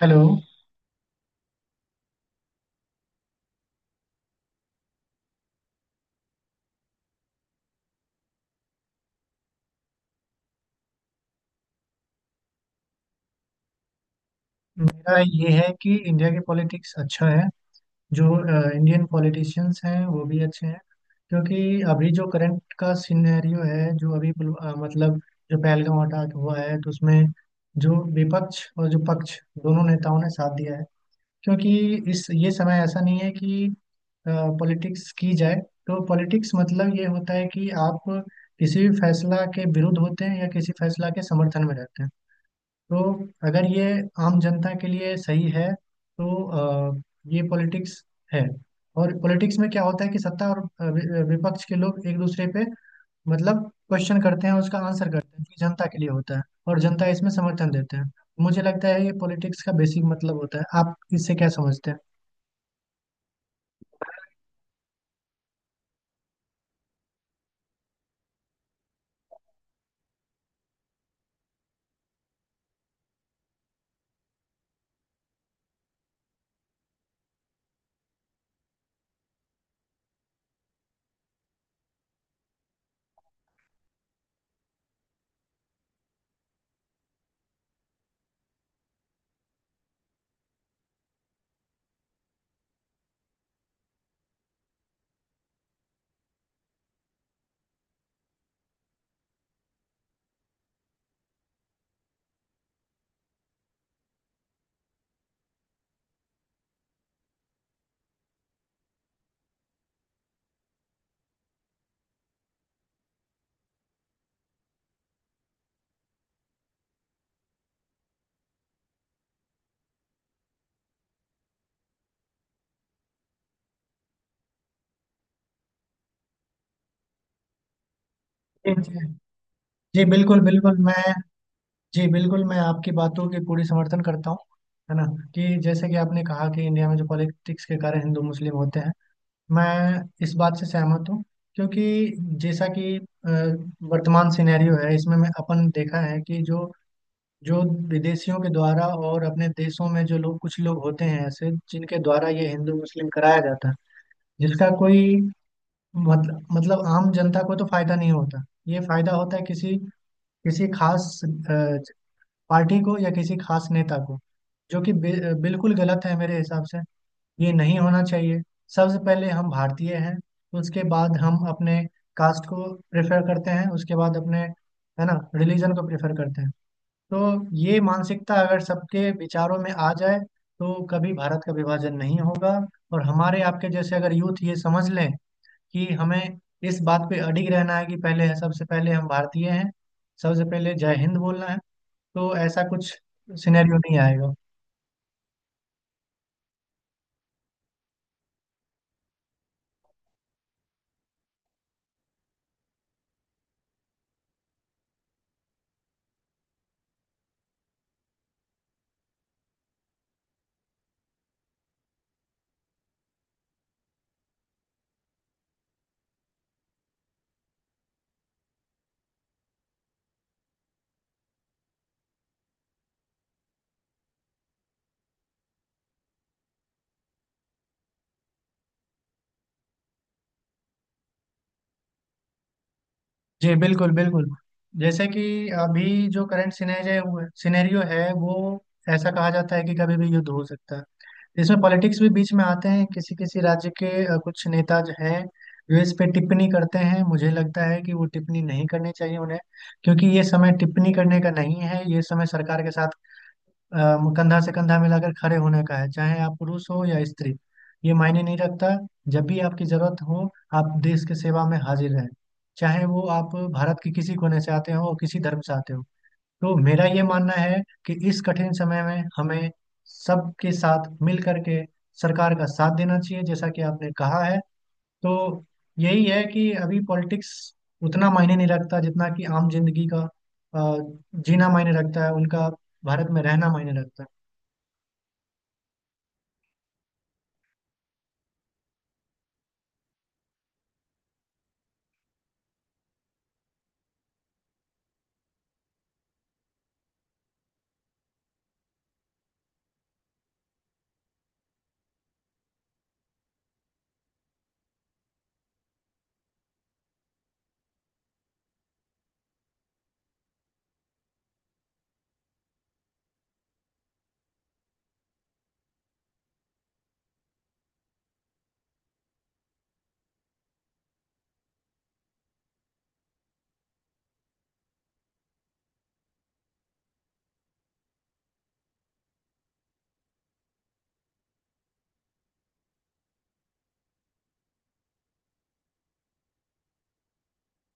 Hello. मेरा ये है कि इंडिया की पॉलिटिक्स अच्छा है। जो इंडियन पॉलिटिशियंस हैं वो भी अच्छे हैं, क्योंकि अभी जो करंट का सिनेरियो है, जो अभी मतलब जो पहलगाम अटैक हुआ है, तो उसमें जो विपक्ष और जो पक्ष, दोनों नेताओं ने साथ दिया है। क्योंकि इस ये समय ऐसा नहीं है कि पॉलिटिक्स की जाए। तो पॉलिटिक्स मतलब ये होता है कि आप किसी भी फैसला के विरुद्ध होते हैं या किसी फैसला के समर्थन में रहते हैं। तो अगर ये आम जनता के लिए सही है, तो अ, ये पॉलिटिक्स है। और पॉलिटिक्स में क्या होता है कि सत्ता और विपक्ष के लोग एक दूसरे पे मतलब क्वेश्चन करते हैं, उसका आंसर करते हैं, कि जनता के लिए होता है और जनता इसमें समर्थन देते हैं। मुझे लगता है ये पॉलिटिक्स का बेसिक मतलब होता है। आप इससे क्या समझते हैं? जी जी। जी, बिल्कुल बिल्कुल। मैं जी बिल्कुल, मैं आपकी बातों की पूरी समर्थन करता हूँ, है ना। कि जैसे कि आपने कहा कि इंडिया में जो पॉलिटिक्स के कारण हिंदू मुस्लिम होते हैं, मैं इस बात से सहमत हूँ। क्योंकि जैसा कि वर्तमान सिनेरियो है, इसमें मैं अपन देखा है कि जो जो विदेशियों के द्वारा और अपने देशों में जो लोग, कुछ लोग होते हैं ऐसे, जिनके द्वारा ये हिंदू मुस्लिम कराया जाता है। जिसका कोई मतलब आम जनता को तो फायदा नहीं होता, ये फायदा होता है किसी किसी खास पार्टी को या किसी खास नेता को, जो कि बिल्कुल गलत है मेरे हिसाब से। ये नहीं होना चाहिए। सबसे पहले हम भारतीय हैं, उसके बाद हम अपने कास्ट को प्रेफर करते हैं, उसके बाद अपने, है ना, रिलीजन को प्रेफर करते हैं। तो ये मानसिकता अगर सबके विचारों में आ जाए, तो कभी भारत का विभाजन नहीं होगा। और हमारे आपके जैसे अगर यूथ ये समझ लें कि हमें इस बात पे अडिग रहना है कि पहले, सबसे पहले हम भारतीय हैं, सबसे पहले जय हिंद बोलना है, तो ऐसा कुछ सिनेरियो नहीं आएगा। जी बिल्कुल बिल्कुल। जैसे कि अभी जो करंट सिनेरियो है, वो ऐसा कहा जाता है कि कभी भी युद्ध हो सकता है। इसमें पॉलिटिक्स भी बीच में आते हैं। किसी किसी राज्य के कुछ नेता जो हैं, जो इस पे टिप्पणी करते हैं, मुझे लगता है कि वो टिप्पणी नहीं करनी चाहिए उन्हें। क्योंकि ये समय टिप्पणी करने का नहीं है, ये समय सरकार के साथ कंधा से कंधा मिलाकर खड़े होने का है। चाहे आप पुरुष हो या स्त्री, ये मायने नहीं रखता। जब भी आपकी जरूरत हो, आप देश के सेवा में हाजिर रहें, चाहे वो आप भारत के किसी कोने से आते हो और किसी धर्म से आते हो। तो मेरा ये मानना है कि इस कठिन समय में हमें सबके साथ मिल करके सरकार का साथ देना चाहिए, जैसा कि आपने कहा है। तो यही है कि अभी पॉलिटिक्स उतना मायने नहीं रखता, जितना कि आम जिंदगी का अ, जीना मायने रखता है उनका, भारत में रहना मायने रखता है।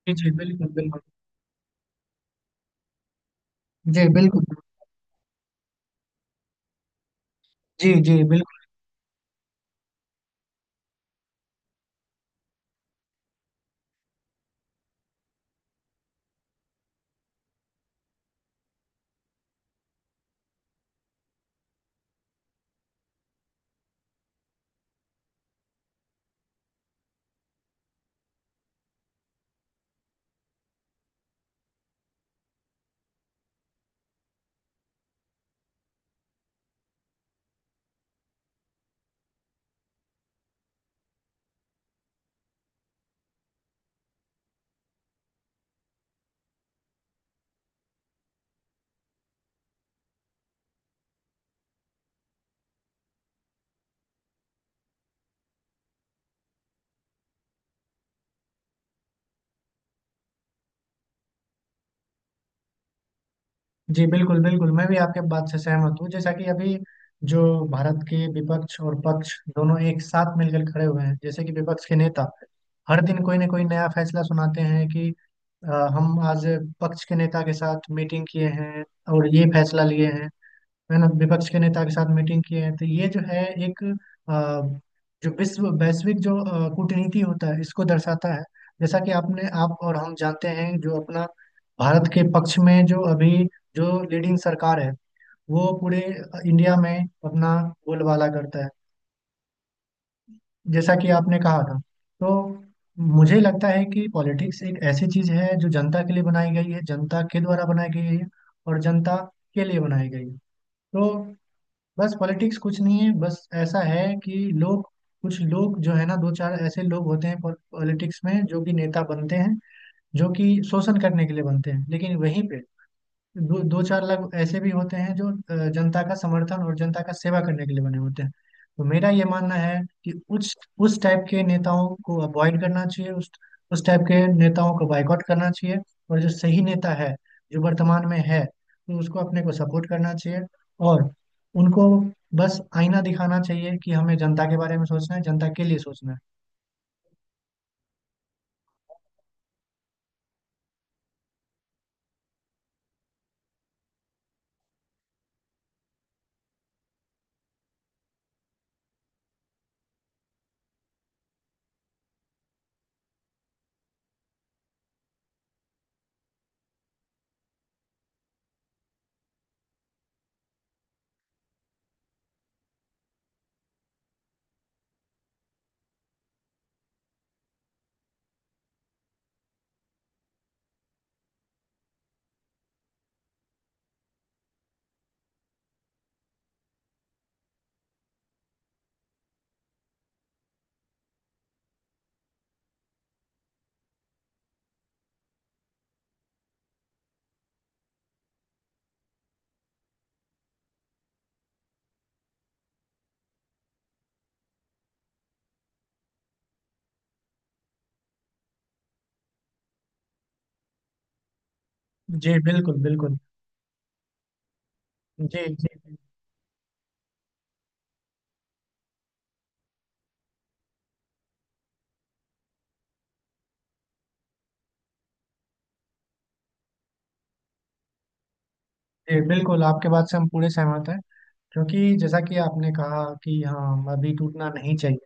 जी जी बिल्कुल बिल्कुल। जी बिल्कुल। जी जी बिल्कुल। जी बिल्कुल बिल्कुल, मैं भी आपके बात से सहमत हूँ। जैसा कि अभी जो भारत के विपक्ष और पक्ष दोनों एक साथ मिलकर खड़े हुए हैं, जैसे कि विपक्ष के नेता हर दिन कोई ना कोई नया फैसला सुनाते हैं कि हम आज पक्ष के नेता के साथ मीटिंग किए हैं और ये फैसला लिए हैं, है ना, विपक्ष के नेता के साथ मीटिंग किए हैं। तो ये जो है एक जो विश्व वैश्विक जो कूटनीति होता है, इसको दर्शाता है। जैसा कि आपने, आप और हम जानते हैं, जो अपना भारत के पक्ष में जो अभी जो लीडिंग सरकार है, वो पूरे इंडिया में अपना बोलबाला करता है, जैसा कि आपने कहा था। तो मुझे लगता है कि पॉलिटिक्स एक ऐसी चीज है जो जनता के लिए बनाई गई है, जनता के द्वारा बनाई गई है और जनता के लिए बनाई गई है। तो बस पॉलिटिक्स कुछ नहीं है, बस ऐसा है कि लोग, कुछ लोग जो है ना, दो चार ऐसे लोग होते हैं पॉलिटिक्स में जो कि नेता बनते हैं, जो कि शोषण करने के लिए बनते हैं। लेकिन वहीं पे दो दो चार लाख ऐसे भी होते हैं जो जनता का समर्थन और जनता का सेवा करने के लिए बने होते हैं। तो मेरा ये मानना है कि उस उस टाइप के नेताओं को अवॉइड करना चाहिए, उस टाइप के नेताओं को बायकॉट करना चाहिए। और जो सही नेता है, जो वर्तमान में है, तो उसको अपने को सपोर्ट करना चाहिए। और उनको बस आईना दिखाना चाहिए कि हमें जनता के बारे में सोचना है, जनता के लिए सोचना है। जी बिल्कुल बिल्कुल। जी जी। जी बिल्कुल, आपके बात से हम पूरे सहमत हैं। क्योंकि जैसा कि आपने कहा कि हाँ, अभी टूटना नहीं चाहिए।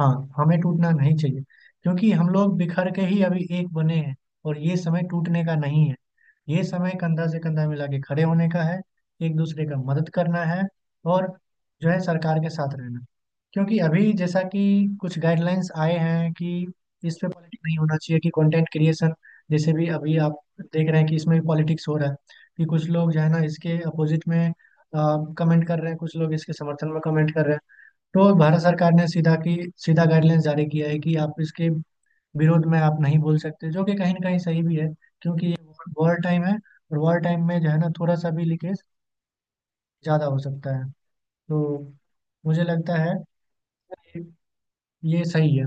हाँ, हमें टूटना नहीं चाहिए, क्योंकि हम लोग बिखर के ही अभी एक बने हैं। और ये समय टूटने का नहीं है, ये समय कंधा से कंधा मिला के खड़े होने का है, एक दूसरे का मदद करना है। और जो है, सरकार के साथ रहना। क्योंकि अभी जैसा कि कुछ गाइडलाइंस आए हैं कि इस पे पॉलिटिक्स नहीं होना चाहिए, कि कंटेंट क्रिएशन, जैसे भी अभी आप देख रहे हैं कि इसमें भी पॉलिटिक्स हो रहा है, कि कुछ लोग जो है ना इसके अपोजिट में कमेंट कर रहे हैं, कुछ लोग इसके समर्थन में कमेंट कर रहे हैं। तो भारत सरकार ने सीधा गाइडलाइंस जारी किया है कि आप इसके विरोध में आप नहीं बोल सकते, जो कि कहीं ना कहीं सही भी है। क्योंकि ये वॉर टाइम है, और वॉर टाइम में जो है ना, थोड़ा सा भी लीकेज ज़्यादा हो सकता है। तो मुझे लगता है कि ये सही है।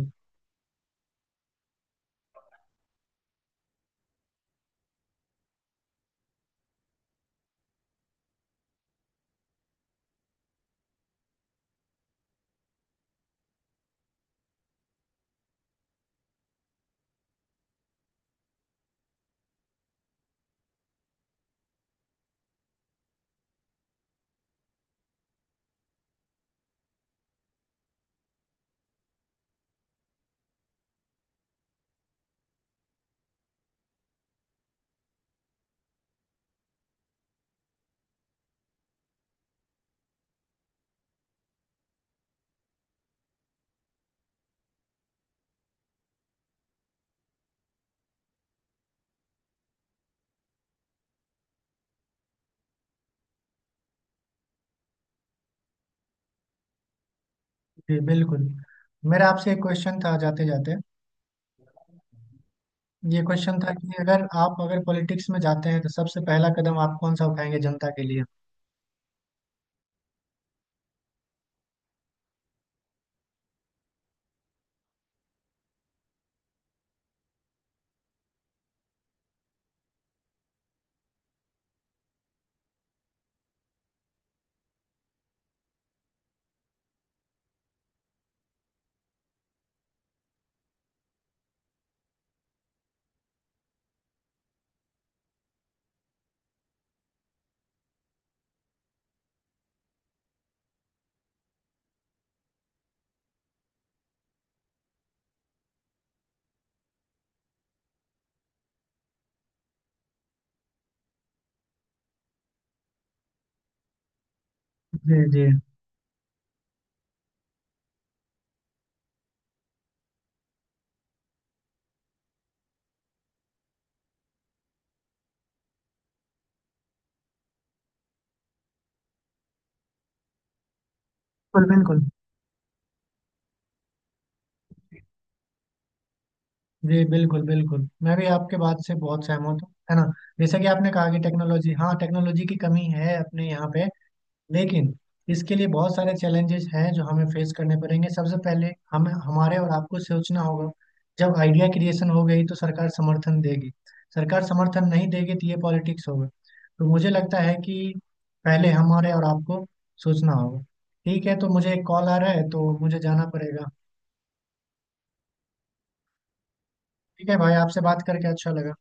जी बिल्कुल। मेरा आपसे एक क्वेश्चन था, जाते जाते। ये क्वेश्चन था कि अगर पॉलिटिक्स में जाते हैं, तो सबसे पहला कदम आप कौन सा उठाएंगे जनता के लिए? जी जी बिल्कुल बिल्कुल। जी बिल्कुल बिल्कुल, मैं भी आपके बात से बहुत सहमत हूँ, है ना। जैसा कि आपने कहा कि टेक्नोलॉजी, हाँ टेक्नोलॉजी की कमी है अपने यहाँ पे। लेकिन इसके लिए बहुत सारे चैलेंजेस हैं जो हमें फेस करने पड़ेंगे। सबसे पहले हम, हमारे और आपको सोचना होगा। जब आइडिया क्रिएशन हो गई, तो सरकार समर्थन देगी। सरकार समर्थन नहीं देगी, तो ये पॉलिटिक्स होगा। तो मुझे लगता है कि पहले हमारे और आपको सोचना होगा। ठीक है, तो मुझे एक कॉल आ रहा है, तो मुझे जाना पड़ेगा। ठीक है भाई, आपसे बात करके अच्छा लगा।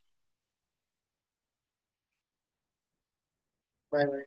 Bye bye.